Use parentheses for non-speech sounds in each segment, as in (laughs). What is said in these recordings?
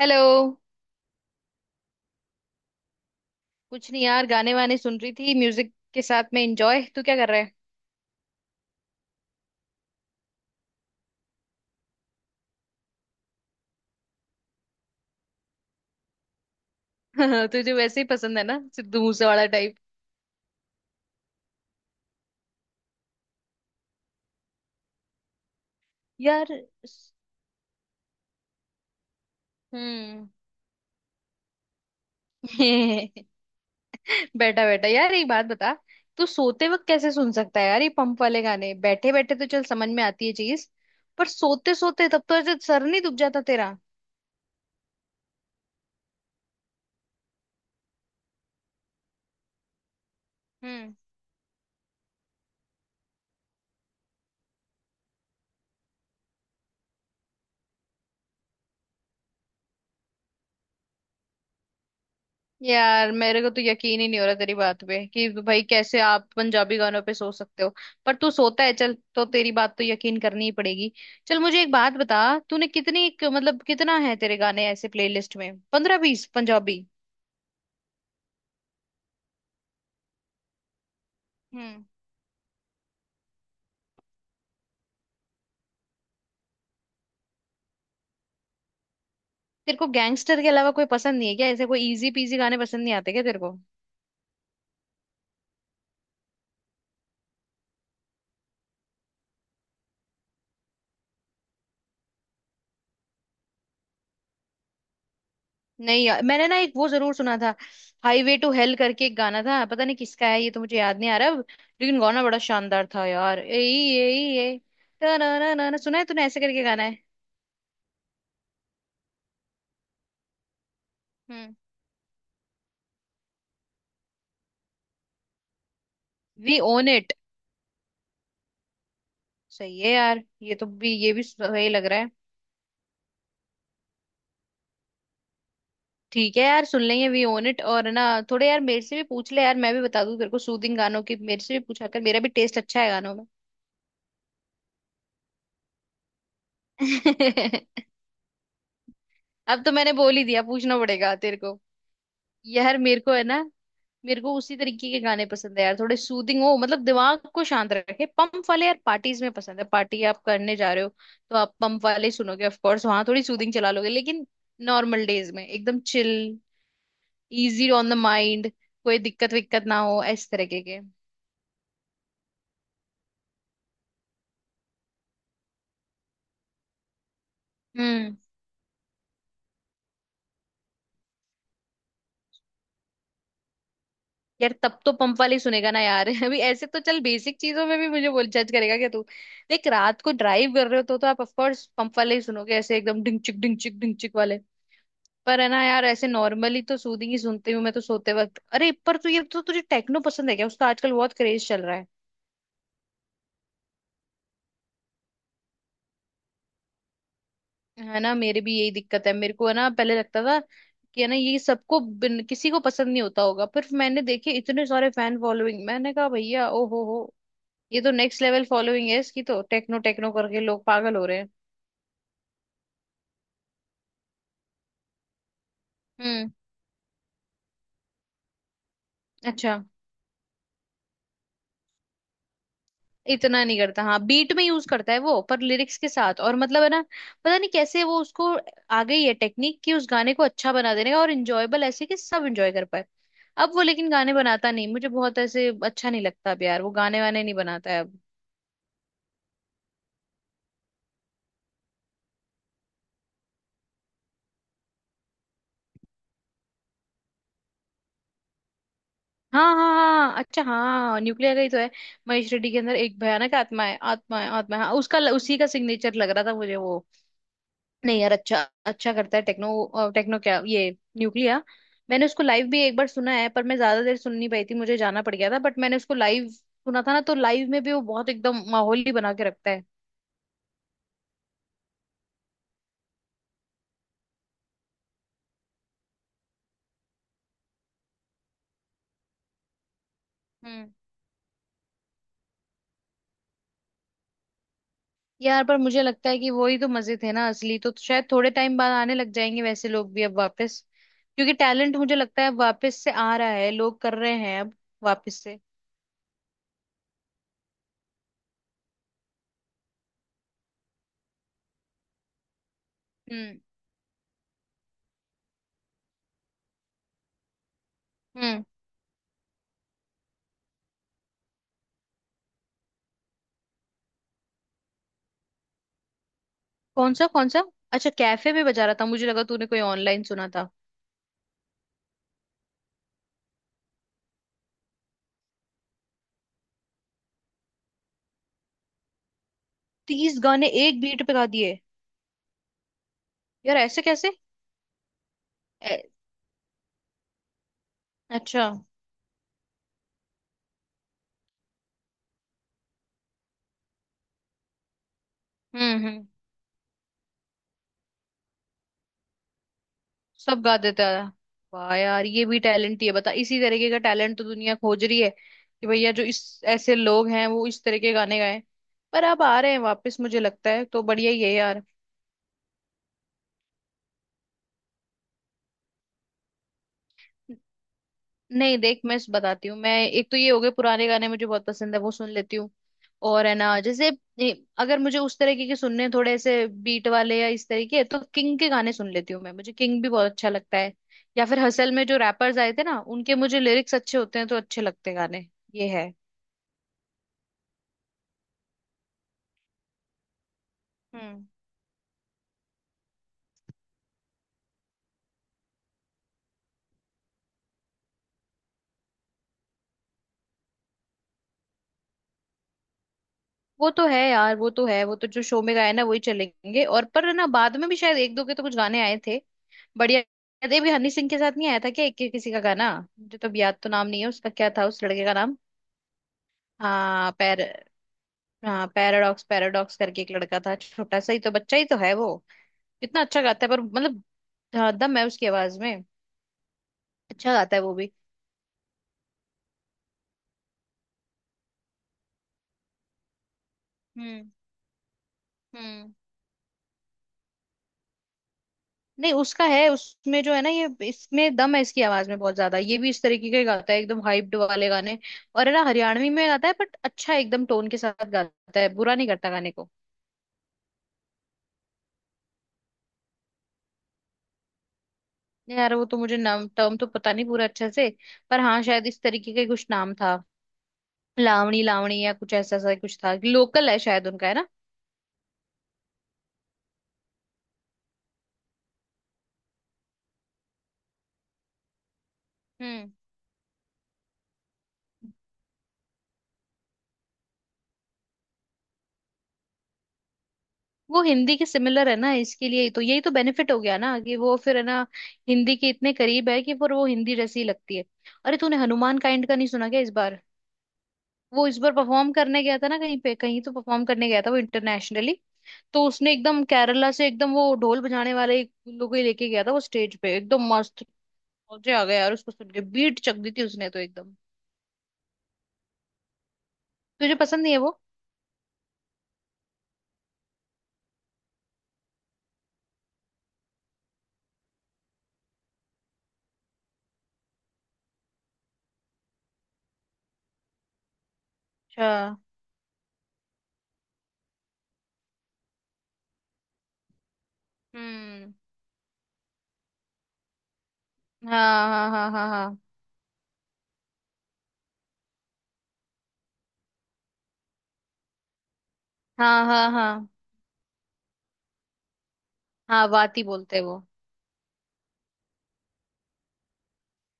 Hello. कुछ नहीं यार, गाने वाने सुन रही थी, म्यूजिक के साथ में एंजॉय। तू क्या कर रहा है? (laughs) तुझे वैसे ही पसंद है ना सिद्धू मूसे वाला टाइप। यार स- हम्म। (laughs) बैठा बैठा, यार एक बात बता। तू सोते वक्त कैसे सुन सकता है यार ये पंप वाले गाने? बैठे बैठे तो चल समझ में आती है चीज, पर सोते सोते, तब तो ऐसे सर नहीं दुख जाता तेरा? यार मेरे को तो यकीन ही नहीं हो रहा तेरी बात पे कि भाई कैसे आप पंजाबी गानों पे सो सकते हो। पर तू सोता है, चल तो तेरी बात तो यकीन करनी ही पड़ेगी। चल मुझे एक बात बता, तूने कितनी मतलब कितना है तेरे गाने ऐसे प्लेलिस्ट में? 15-20 पंजाबी? हम्म। तेरे को गैंगस्टर के अलावा कोई पसंद नहीं है क्या? ऐसे कोई इजी पीजी गाने पसंद नहीं आते क्या तेरे को? नहीं यार, मैंने ना एक वो जरूर सुना था, हाईवे टू हेल करके एक गाना था, पता नहीं किसका है, ये तो मुझे याद नहीं आ रहा अब। लेकिन गाना बड़ा शानदार था यार। ए ए ए ना सुना है तूने? ऐसे करके गाना है। हम्म। We own it. सही है यार, ये तो भी ये भी सही लग रहा है। ठीक है यार, सुन लेंगे वी ओन इट। और ना थोड़े यार मेरे से भी पूछ ले यार, मैं भी बता दूं तेरे को सूदिंग गानों की। मेरे से भी पूछा कर, मेरा भी टेस्ट अच्छा है गानों में। (laughs) अब तो मैंने बोल ही दिया, पूछना पड़ेगा तेरे को। यार मेरे को है ना, मेरे को उसी तरीके के गाने पसंद है यार, थोड़े सूदिंग हो, मतलब दिमाग को शांत रखे। पंप वाले यार पार्टीज में पसंद है, पार्टी आप करने जा रहे हो तो आप पंप वाले ही सुनोगे ऑफ कोर्स, वहां थोड़ी सूदिंग चला लोगे लेकिन। नॉर्मल डेज में एकदम chill, easy on the mind, कोई दिक्कत विक्कत ना हो इस तरीके के। हम्म। यार तब तो पंप वाले ही सुनेगा ना यार। (laughs) अभी ऐसे तो चल बेसिक चीजों में भी मुझे बोल जज करेगा क्या तू? देख रात को ड्राइव कर रहे हो तो आप ऑफ कोर्स पंप वाले ही सुनोगे, ऐसे एकदम डिंग चिक डिंग चिक डिंग चिक वाले। पर है ना यार, ऐसे नॉर्मली तो सूदिंग ही सुनती हूँ मैं, तो सोते वक्त। अरे पर तू ये, तो तुझे टेक्नो पसंद है क्या? उसका आजकल बहुत क्रेज चल रहा है। है ना मेरे भी यही दिक्कत है। मेरे को है ना पहले लगता था कि है ना, ये सबको किसी को पसंद नहीं होता होगा। पर मैंने देखे इतने सारे फैन फॉलोइंग, मैंने कहा भैया ओ हो, ये तो नेक्स्ट लेवल फॉलोइंग है इसकी। तो टेक्नो टेक्नो करके लोग पागल हो रहे हैं। हम्म। अच्छा इतना नहीं करता, हाँ बीट में यूज करता है वो, पर लिरिक्स के साथ और मतलब है ना, पता नहीं कैसे वो उसको आ गई है टेक्निक कि उस गाने को अच्छा बना देने का और इंजॉयबल ऐसे कि सब इंजॉय कर पाए। अब वो लेकिन गाने बनाता नहीं, मुझे बहुत ऐसे अच्छा नहीं लगता अब यार, वो गाने वाने नहीं बनाता है अब। हाँ हाँ हाँ हाँ, अच्छा हाँ, न्यूक्लियर का ही तो है। महेश रेड्डी के अंदर एक भयानक आत्मा है, आत्मा है, आत्मा है, हाँ उसका उसी का सिग्नेचर लग रहा था मुझे वो। नहीं यार, अच्छा अच्छा करता है टेक्नो, टेक्नो क्या ये, न्यूक्लिया। मैंने उसको लाइव भी एक बार सुना है, पर मैं ज्यादा देर सुन नहीं पाई थी, मुझे जाना पड़ गया था, बट मैंने उसको लाइव सुना था ना, तो लाइव में भी वो बहुत एकदम माहौल ही बना के रखता है। हम्म। यार पर मुझे लगता है कि वही तो मजे थे ना असली, तो शायद थोड़े टाइम बाद आने लग जाएंगे वैसे लोग भी अब वापस, क्योंकि टैलेंट मुझे लगता है अब वापस से आ रहा है, लोग कर रहे हैं अब वापस से। हम्म। हम्म। कौन सा कौन सा? अच्छा कैफे में बजा रहा था, मुझे लगा तूने कोई ऑनलाइन सुना था। 30 गाने एक बीट पे गा दिए? यार ऐसे कैसे! ए- अच्छा। हम्म। हम्म। सब गा देता है। वाह यार ये भी टैलेंट ही है। बता, इसी तरीके का टैलेंट तो दुनिया खोज रही है कि भैया जो इस, ऐसे लोग हैं वो इस तरह के गाने गाएं। पर अब आ रहे हैं वापस, मुझे लगता है, तो बढ़िया ही है यार। नहीं देख मैं बताती हूँ, मैं एक तो ये हो गए पुराने गाने, मुझे बहुत पसंद है वो सुन लेती हूँ। और है ना जैसे अगर मुझे उस तरीके के सुनने हैं, थोड़े ऐसे बीट वाले या इस तरीके, तो किंग के गाने सुन लेती हूँ मैं, मुझे किंग भी बहुत अच्छा लगता है। या फिर हसल में जो रैपर्स आए थे ना, उनके मुझे लिरिक्स अच्छे होते हैं, तो अच्छे लगते हैं गाने। ये है। हम्म। वो तो है यार, वो तो है, वो तो जो शो में गाए ना वही चलेंगे। और पर ना बाद में भी शायद एक दो के तो कुछ गाने आए थे। बढ़िया। ये भी हनी सिंह के साथ नहीं आया था क्या एक के किसी का गाना? मुझे तो अब याद तो नाम नहीं है उसका, क्या था उस लड़के का नाम? हाँ पैर हाँ पैराडॉक्स, पैराडॉक्स करके एक लड़का था, छोटा सा ही तो, बच्चा ही तो है वो, कितना अच्छा गाता है। पर मतलब हाँ, दम है उसकी आवाज में। अच्छा गाता है वो भी। हम्म। हम्म। नहीं उसका है उसमें जो है ना ये, इसमें दम है इसकी आवाज में बहुत ज्यादा, ये भी इस तरीके का ही गाता है, एकदम हाइप्ड वाले गाने। और है ना हरियाणवी में गाता है, बट अच्छा एकदम टोन के साथ गाता है, बुरा नहीं करता गाने को। यार वो तो मुझे नाम टर्म तो पता नहीं पूरा अच्छे से, पर हाँ शायद इस तरीके का ही कुछ नाम था। लावणी लावणी या कुछ ऐसा, ऐसा कुछ था, लोकल है शायद उनका है ना। हम्म। वो हिंदी के सिमिलर है ना, इसके लिए ही तो, यही तो बेनिफिट हो गया ना कि वो फिर है ना हिंदी के इतने करीब है कि फिर वो हिंदी जैसी ही लगती है। अरे तूने हनुमान काइंड का नहीं सुना क्या इस बार? वो इस बार परफॉर्म करने गया था ना कहीं पे, कहीं तो परफॉर्म करने गया था वो इंटरनेशनली। तो उसने एकदम केरला से एकदम वो ढोल बजाने वाले एक लोगों को ही लेके गया था वो, स्टेज पे एकदम मस्त मजे आ गए यार उसको सुन के, बीट चक दी थी उसने तो एकदम। तुझे पसंद नहीं है वो? अच्छा। हम्म। हाँ हाँ हाँ हाँ हाँ हाँ हाँ हाँ। हाँ वाती बोलते हैं वो।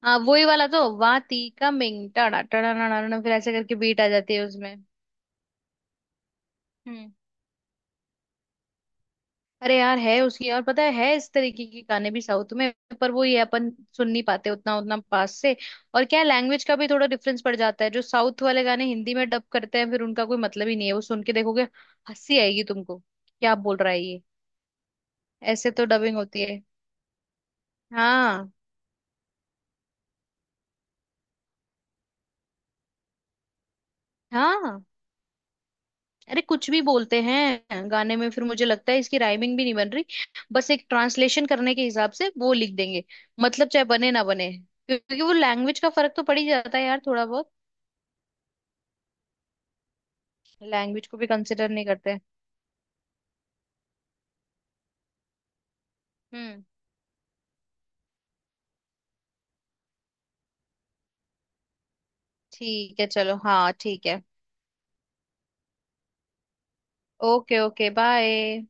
हाँ वही वाला तो, वाती कमिंग टाड़ा टाड़ा, ना फिर ऐसे करके बीट आ जाती है उसमें। हम्म। अरे यार है उसकी, और पता है इस तरीके के गाने भी साउथ में। पर वो ये अपन सुन नहीं पाते उतना, उतना पास से। और क्या लैंग्वेज का भी थोड़ा डिफरेंस पड़ जाता है, जो साउथ वाले गाने हिंदी में डब करते हैं, फिर उनका कोई मतलब ही नहीं है। वो सुन के देखोगे हंसी आएगी तुमको, क्या बोल रहा है ये। ऐसे तो डबिंग होती है। हाँ। हाँ। अरे कुछ भी बोलते हैं गाने में, फिर मुझे लगता है इसकी राइमिंग भी नहीं बन रही, बस एक ट्रांसलेशन करने के हिसाब से वो लिख देंगे। मतलब चाहे बने ना बने, क्योंकि वो लैंग्वेज का फर्क तो पड़ ही जाता है यार थोड़ा बहुत। लैंग्वेज को भी कंसिडर नहीं करते। हम्म। ठीक है चलो, हाँ ठीक है। Okay, okay bye.